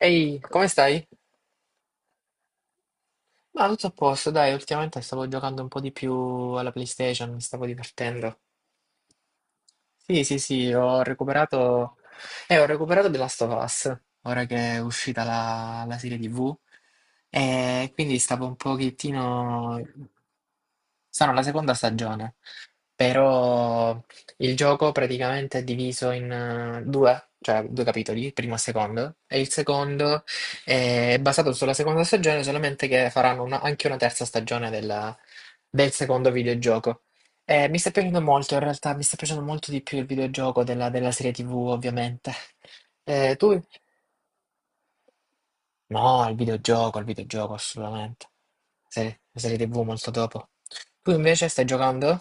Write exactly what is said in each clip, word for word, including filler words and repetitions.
Ehi, come stai? Ma tutto a posto, dai, ultimamente stavo giocando un po' di più alla PlayStation, mi stavo divertendo. Sì, sì, sì, ho recuperato... Eh, ho recuperato The Last of Us, ora che è uscita la, la serie T V, e quindi stavo un pochettino. Sono la seconda stagione, però il gioco praticamente è diviso in eh, due, cioè due capitoli, primo e secondo, e il secondo è basato sulla seconda stagione, solamente che faranno una- anche una terza stagione della- del secondo videogioco. Eh, mi sta piacendo molto, in realtà mi sta piacendo molto di più il videogioco della, della serie tivù, ovviamente. Eh, tu? No, il videogioco, il videogioco, assolutamente. Sì, la serie tivù molto dopo. Tu invece stai giocando?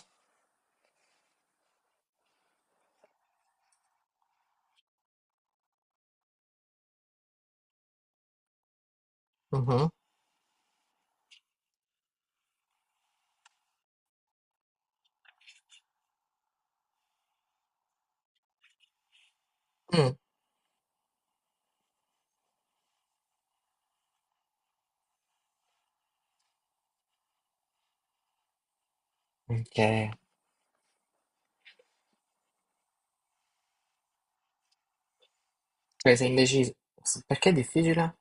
Mhm. Mm. Ok, cioè sei indeciso. Perché è difficile?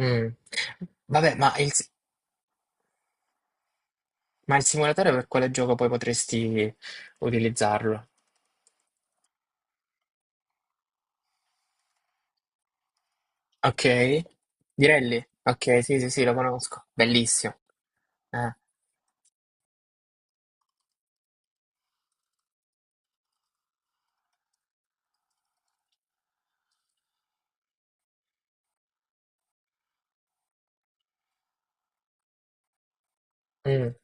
Mm. Vabbè, ma il, si- ma il simulatore per quale gioco poi potresti utilizzarlo? Ok, Direlli? Ok, sì, sì, sì, lo conosco. Bellissimo. Eh. Mm.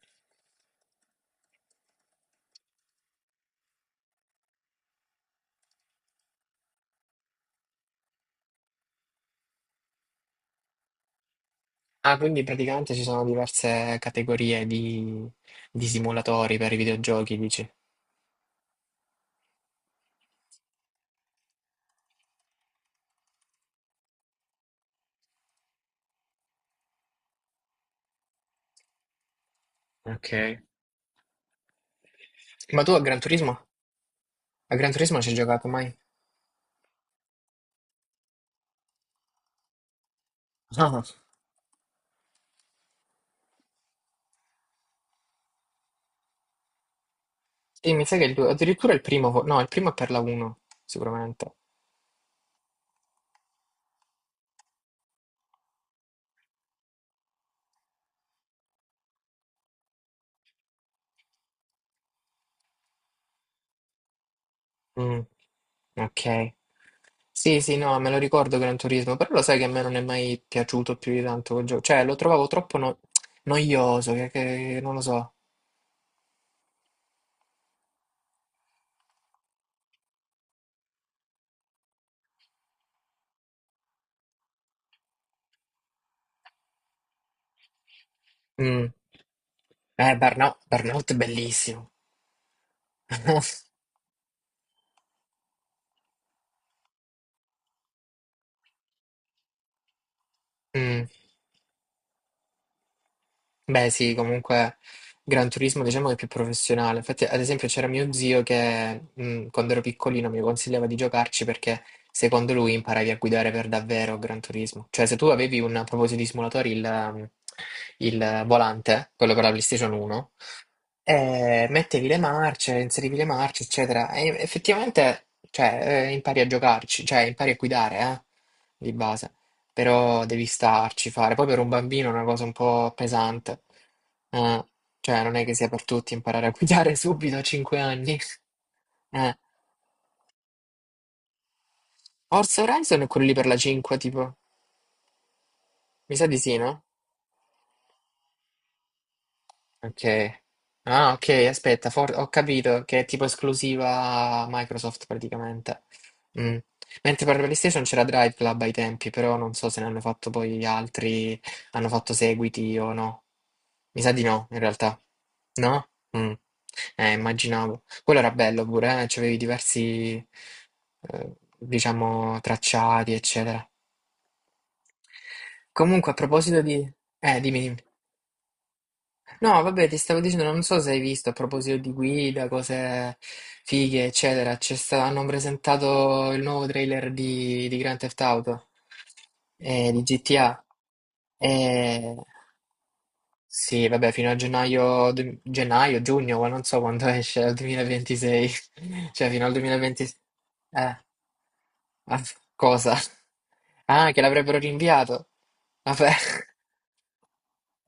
Ah, quindi praticamente ci sono diverse categorie di, di simulatori per i videogiochi, dici. Ok. Ma tu a Gran Turismo? A Gran Turismo non ci hai giocato mai? No, sì, mi sa che il due, addirittura il primo, fo- no, il primo è per la uno, sicuramente. Mm, ok. Sì, sì, no, me lo ricordo Gran Turismo, però lo sai che a me non è mai piaciuto più di tanto quel gioco. Cioè, lo trovavo troppo no- noioso, che, che- non lo so. Mm. Eh, Burnout, Burnout è bellissimo. Mh. Beh sì, comunque Gran Turismo diciamo che è più professionale. Infatti, ad esempio, c'era mio zio che, mhmm, quando ero piccolino mi consigliava di giocarci perché secondo lui imparavi a guidare per davvero a Gran Turismo. Cioè, se tu avevi un a proposito di simulatori, il, mhmm, il volante, quello per la PlayStation uno, eh, mettevi le marce, inserivi le marce, eccetera. E effettivamente, cioè, eh, impari a giocarci, cioè, impari a guidare, eh, di base. Però devi starci, fare. Poi per un bambino è una cosa un po' pesante. Eh, cioè, non è che sia per tutti imparare a guidare subito a cinque anni. Eh. Forza Horizon è quello lì per la cinque, tipo. Mi sa di sì, no? Ok. Ah, ok, aspetta, for- ho capito che è tipo esclusiva Microsoft praticamente. Mm. Mentre per PlayStation c'era Drive Club ai tempi, però non so se ne hanno fatto poi altri, hanno fatto seguiti o no. Mi sa di no, in realtà. No? Mm. Eh, immaginavo. Quello era bello pure, eh? C'avevi diversi, eh, diciamo, tracciati, eccetera. Comunque, a proposito di. Eh, dimmi, dimmi. No, vabbè, ti stavo dicendo, non so se hai visto a proposito di guida, cose fighe, eccetera. C'è sta- hanno presentato il nuovo trailer di, di Grand Theft Auto, eh, di G T A. E. Sì, vabbè, fino a gennaio, du- gennaio, giugno, ma non so quando esce, al duemilaventisei. Cioè, fino al duemilaventisei. Eh, ah, cosa? Ah, che l'avrebbero rinviato. Vabbè.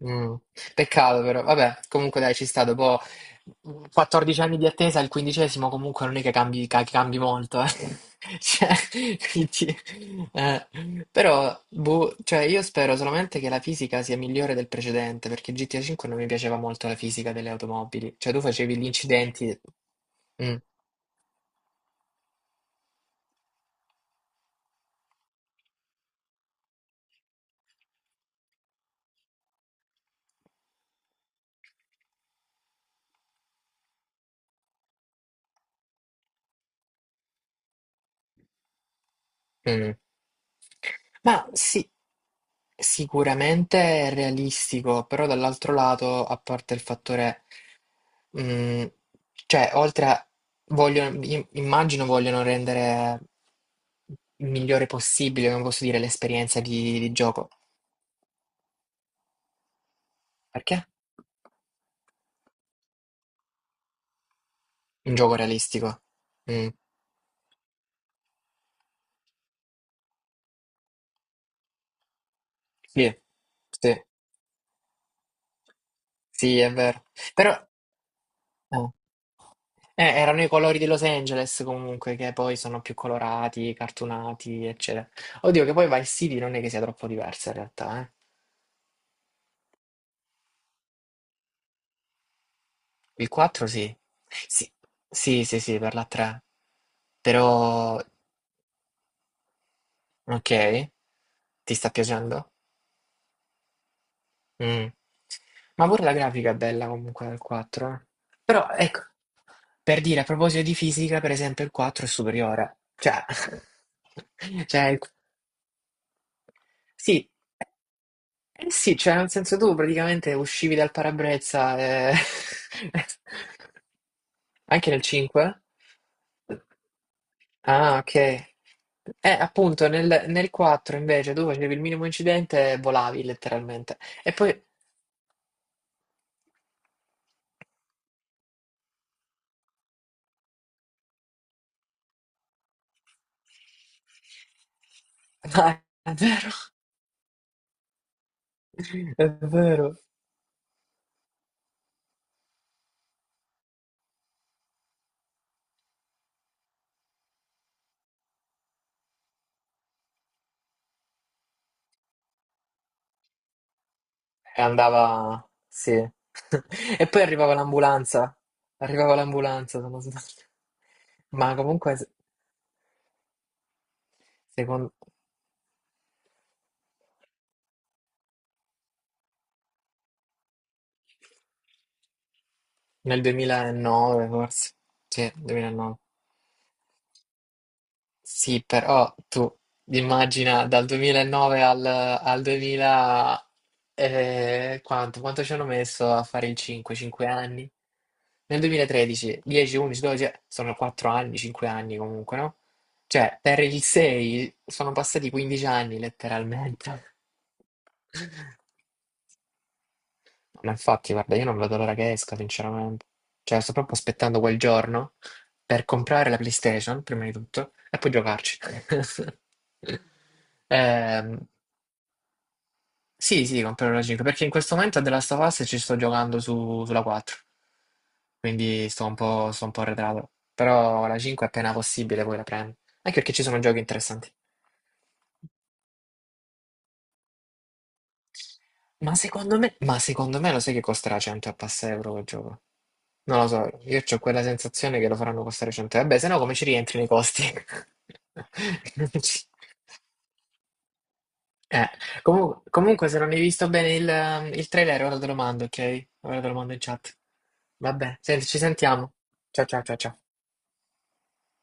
Mm, Peccato però, vabbè, comunque dai, ci sta, dopo quattordici anni di attesa, il quindicesimo comunque non è che cambi, ca- cambi molto, eh. Cioè, quindi, eh, però, boh, cioè, io spero solamente che la fisica sia migliore del precedente, perché G T A cinque non mi piaceva molto la fisica delle automobili, cioè tu facevi gli incidenti. Mm, mm. Ma sì, sicuramente è realistico, però dall'altro lato, a parte il fattore, mh, cioè, oltre a, vogliono, im- immagino vogliono rendere il migliore possibile, come posso dire, l'esperienza di, di gioco. Perché? Un gioco realistico. Mm, sì, sì, sì, è vero. Però, eh, eh, erano i colori di Los Angeles comunque, che poi sono più colorati, cartunati, eccetera. Oddio, che poi Vice City non è che sia troppo diversa in realtà, eh. Il quattro sì. Sì, sì, sì, sì, per la tre. Però, ok, ti sta piacendo? Mm. Ma pure la grafica è bella comunque del quattro, eh. Però, ecco, per dire, a proposito di fisica, per esempio, il quattro è superiore. Cioè, cioè, il- sì, eh sì, cioè, nel senso tu praticamente uscivi dal parabrezza e. Anche nel cinque? Ah, ok. Eh, appunto, nel, nel quattro invece, dove facevi il minimo incidente, volavi letteralmente. E poi. Ah, è vero, è vero. E andava. Sì. E poi arrivava l'ambulanza. Arrivava l'ambulanza, se non sbaglio. Ma comunque, se- secondo. Nel duemilanove, forse. Sì, duemilanove. Sì, però tu immagina dal duemilanove al, al duemila, eh, quanto, quanto ci hanno messo a fare il cinque? cinque anni? Nel duemilatredici, dieci, undici, dodici, eh, sono quattro anni, cinque anni comunque, no? Cioè, per il sei sono passati quindici anni letteralmente. No, ma infatti, guarda, io non vedo l'ora che esca, sinceramente. Cioè, sto proprio aspettando quel giorno per comprare la PlayStation, prima di tutto, e poi giocarci. Ehm, sì, sì, comprerò la cinque, perché in questo momento a The Last of Us ci sto giocando su- sulla quattro. Quindi sto un po', sto un po' arretrato. Però la cinque appena possibile poi la prendo. Anche perché ci sono giochi interessanti. Ma secondo me, ma secondo me lo sai che costerà cento e passa euro quel gioco? Non lo so, io ho quella sensazione che lo faranno costare cento. Vabbè, se no come ci rientri nei costi? Non ci-. Eh, comu- Comunque, se non hai visto bene il, il trailer, ora te lo mando, ok? Ora te lo mando in chat. Vabbè, senti, ci sentiamo. Ciao ciao ciao ciao.